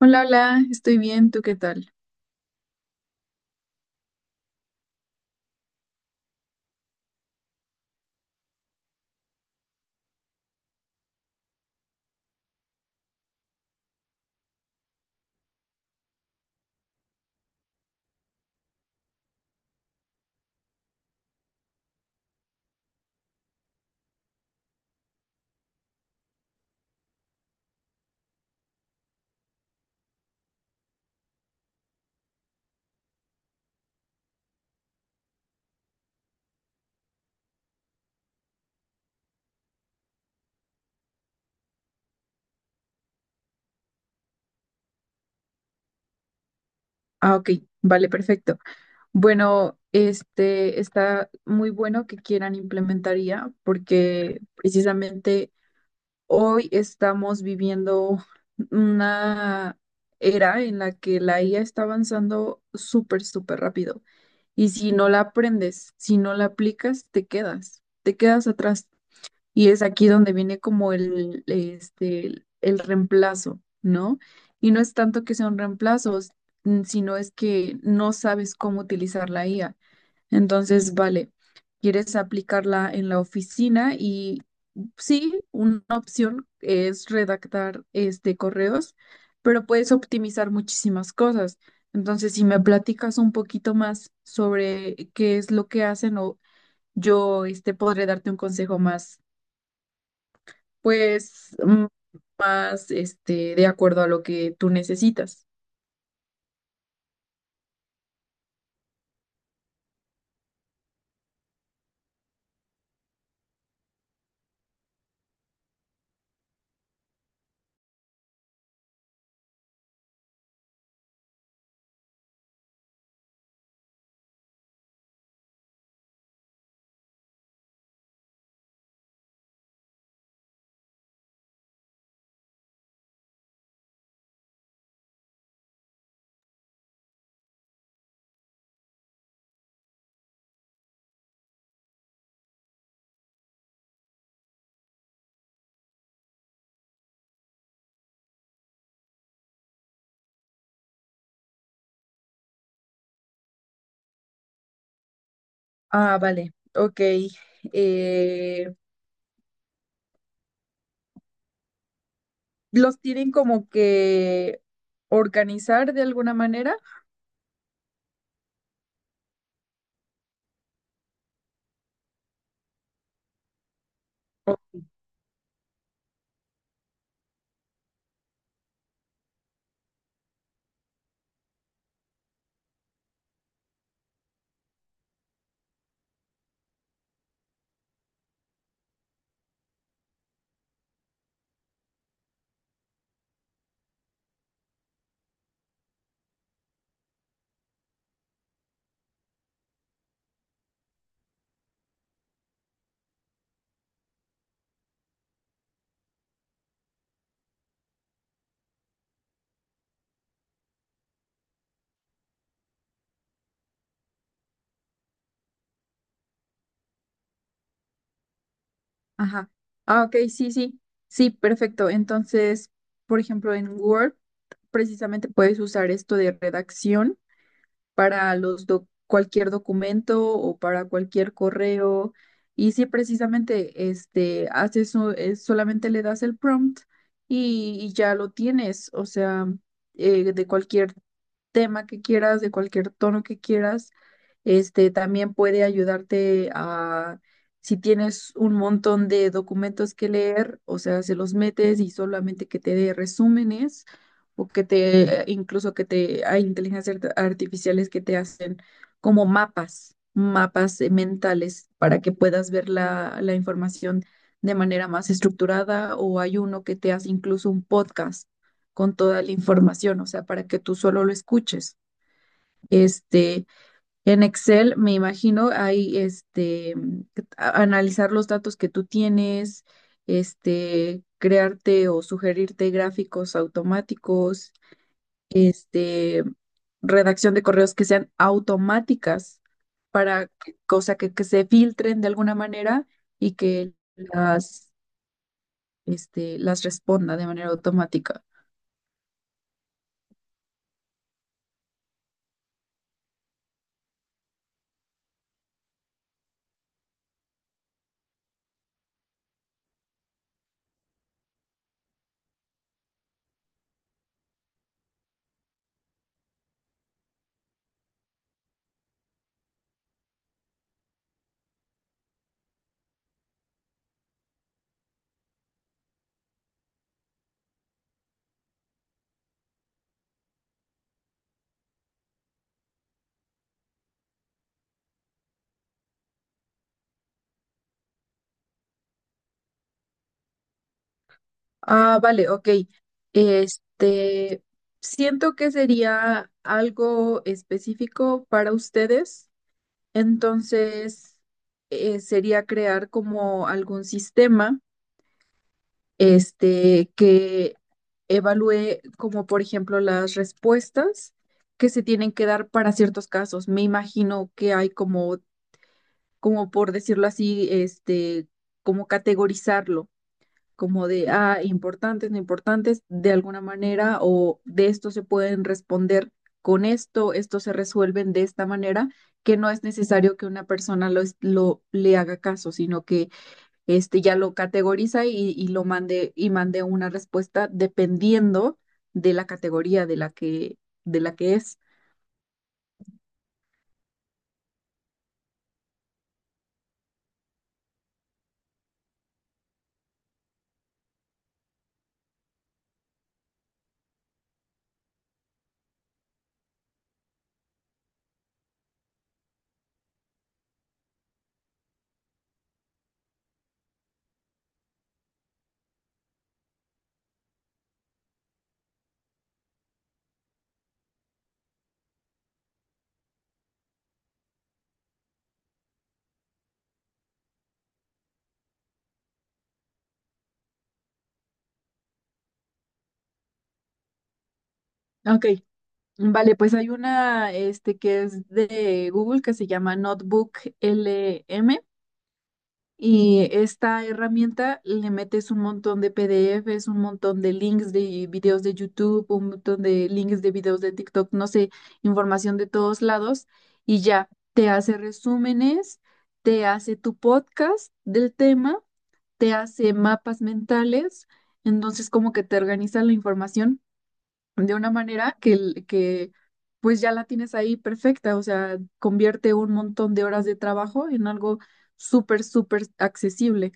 Hola, hola, estoy bien, ¿tú qué tal? Ah, ok, vale, perfecto. Bueno, este está muy bueno que quieran implementar IA, porque precisamente hoy estamos viviendo una era en la que la IA está avanzando súper, súper rápido. Y si no la aprendes, si no la aplicas, te quedas atrás. Y es aquí donde viene como el reemplazo, ¿no? Y no es tanto que sea un reemplazo, sino es que no sabes cómo utilizar la IA. Entonces, vale, quieres aplicarla en la oficina y sí, una opción es redactar correos, pero puedes optimizar muchísimas cosas. Entonces, si me platicas un poquito más sobre qué es lo que hacen, o yo podré darte un consejo más, pues más de acuerdo a lo que tú necesitas. Ah, vale, ok. Eh, ¿Los tienen como que organizar de alguna manera? O- Ajá. Ah, ok, sí, sí. Sí, perfecto. Entonces, por ejemplo, en Word precisamente puedes usar esto de redacción para cualquier documento o para cualquier correo. Y si precisamente solamente le das el prompt y ya lo tienes, o sea, de cualquier tema que quieras, de cualquier tono que quieras. Este también puede ayudarte a, si tienes un montón de documentos que leer, o sea, se los metes y solamente que te dé resúmenes, o que te, incluso que te, hay inteligencias artificiales que te hacen como mapas mentales, para que puedas ver la información de manera más estructurada, o hay uno que te hace incluso un podcast con toda la información, o sea, para que tú solo lo escuches. Este, en Excel, me imagino, hay analizar los datos que tú tienes, crearte o sugerirte gráficos automáticos, este, redacción de correos que sean automáticas para que, cosa que se filtren de alguna manera, y que las responda de manera automática. Ah, vale, ok. Este, Siento que sería algo específico para ustedes, entonces sería crear como algún sistema, que evalúe, como por ejemplo, las respuestas que se tienen que dar para ciertos casos. Me imagino que hay como por decirlo así, como categorizarlo, como de importantes, no importantes, de alguna manera, o de esto se pueden responder con esto, esto se resuelven de esta manera, que no es necesario que una persona lo le haga caso, sino que ya lo categoriza y lo mande, y mande una respuesta dependiendo de la categoría de la que es. Ok. Vale, pues hay una que es de Google, que se llama NotebookLM. Y esta herramienta, le metes un montón de PDFs, un montón de links de videos de YouTube, un montón de links de videos de TikTok, no sé, información de todos lados, y ya te hace resúmenes, te hace tu podcast del tema, te hace mapas mentales, entonces como que te organiza la información de una manera que pues ya la tienes ahí perfecta, o sea, convierte un montón de horas de trabajo en algo súper, súper accesible.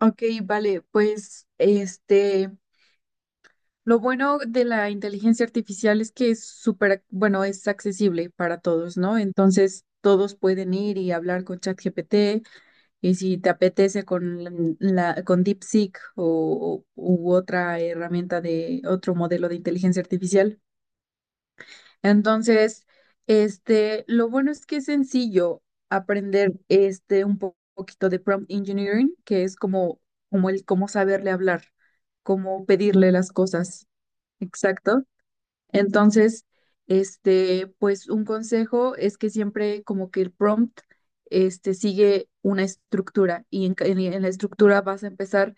Ok, vale, pues lo bueno de la inteligencia artificial es que es súper, bueno, es accesible para todos, ¿no? Entonces, todos pueden ir y hablar con ChatGPT, y si te apetece, con con DeepSeek u otra herramienta de otro modelo de inteligencia artificial. Entonces, lo bueno es que es sencillo aprender un poquito de prompt engineering, que es como el cómo saberle hablar, cómo pedirle las cosas. Exacto. Entonces, pues un consejo es que siempre, como que el prompt sigue una estructura, y en la estructura vas a empezar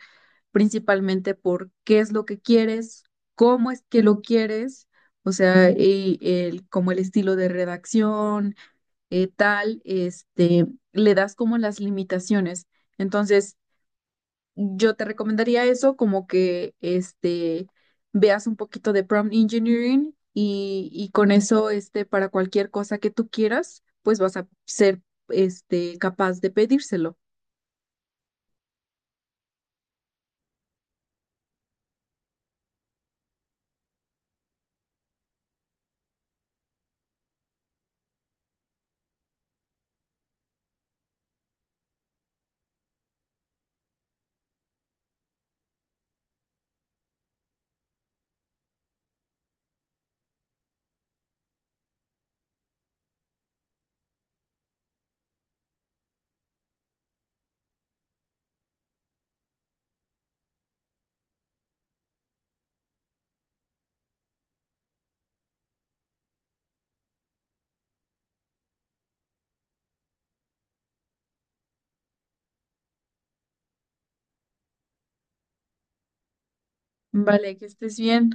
principalmente por qué es lo que quieres, cómo es que lo quieres, o sea, como el estilo de redacción, tal, le das como las limitaciones. Entonces, yo te recomendaría eso, como que veas un poquito de prompt engineering, y con eso, para cualquier cosa que tú quieras, pues vas a ser, capaz de pedírselo. Vale, que estés bien.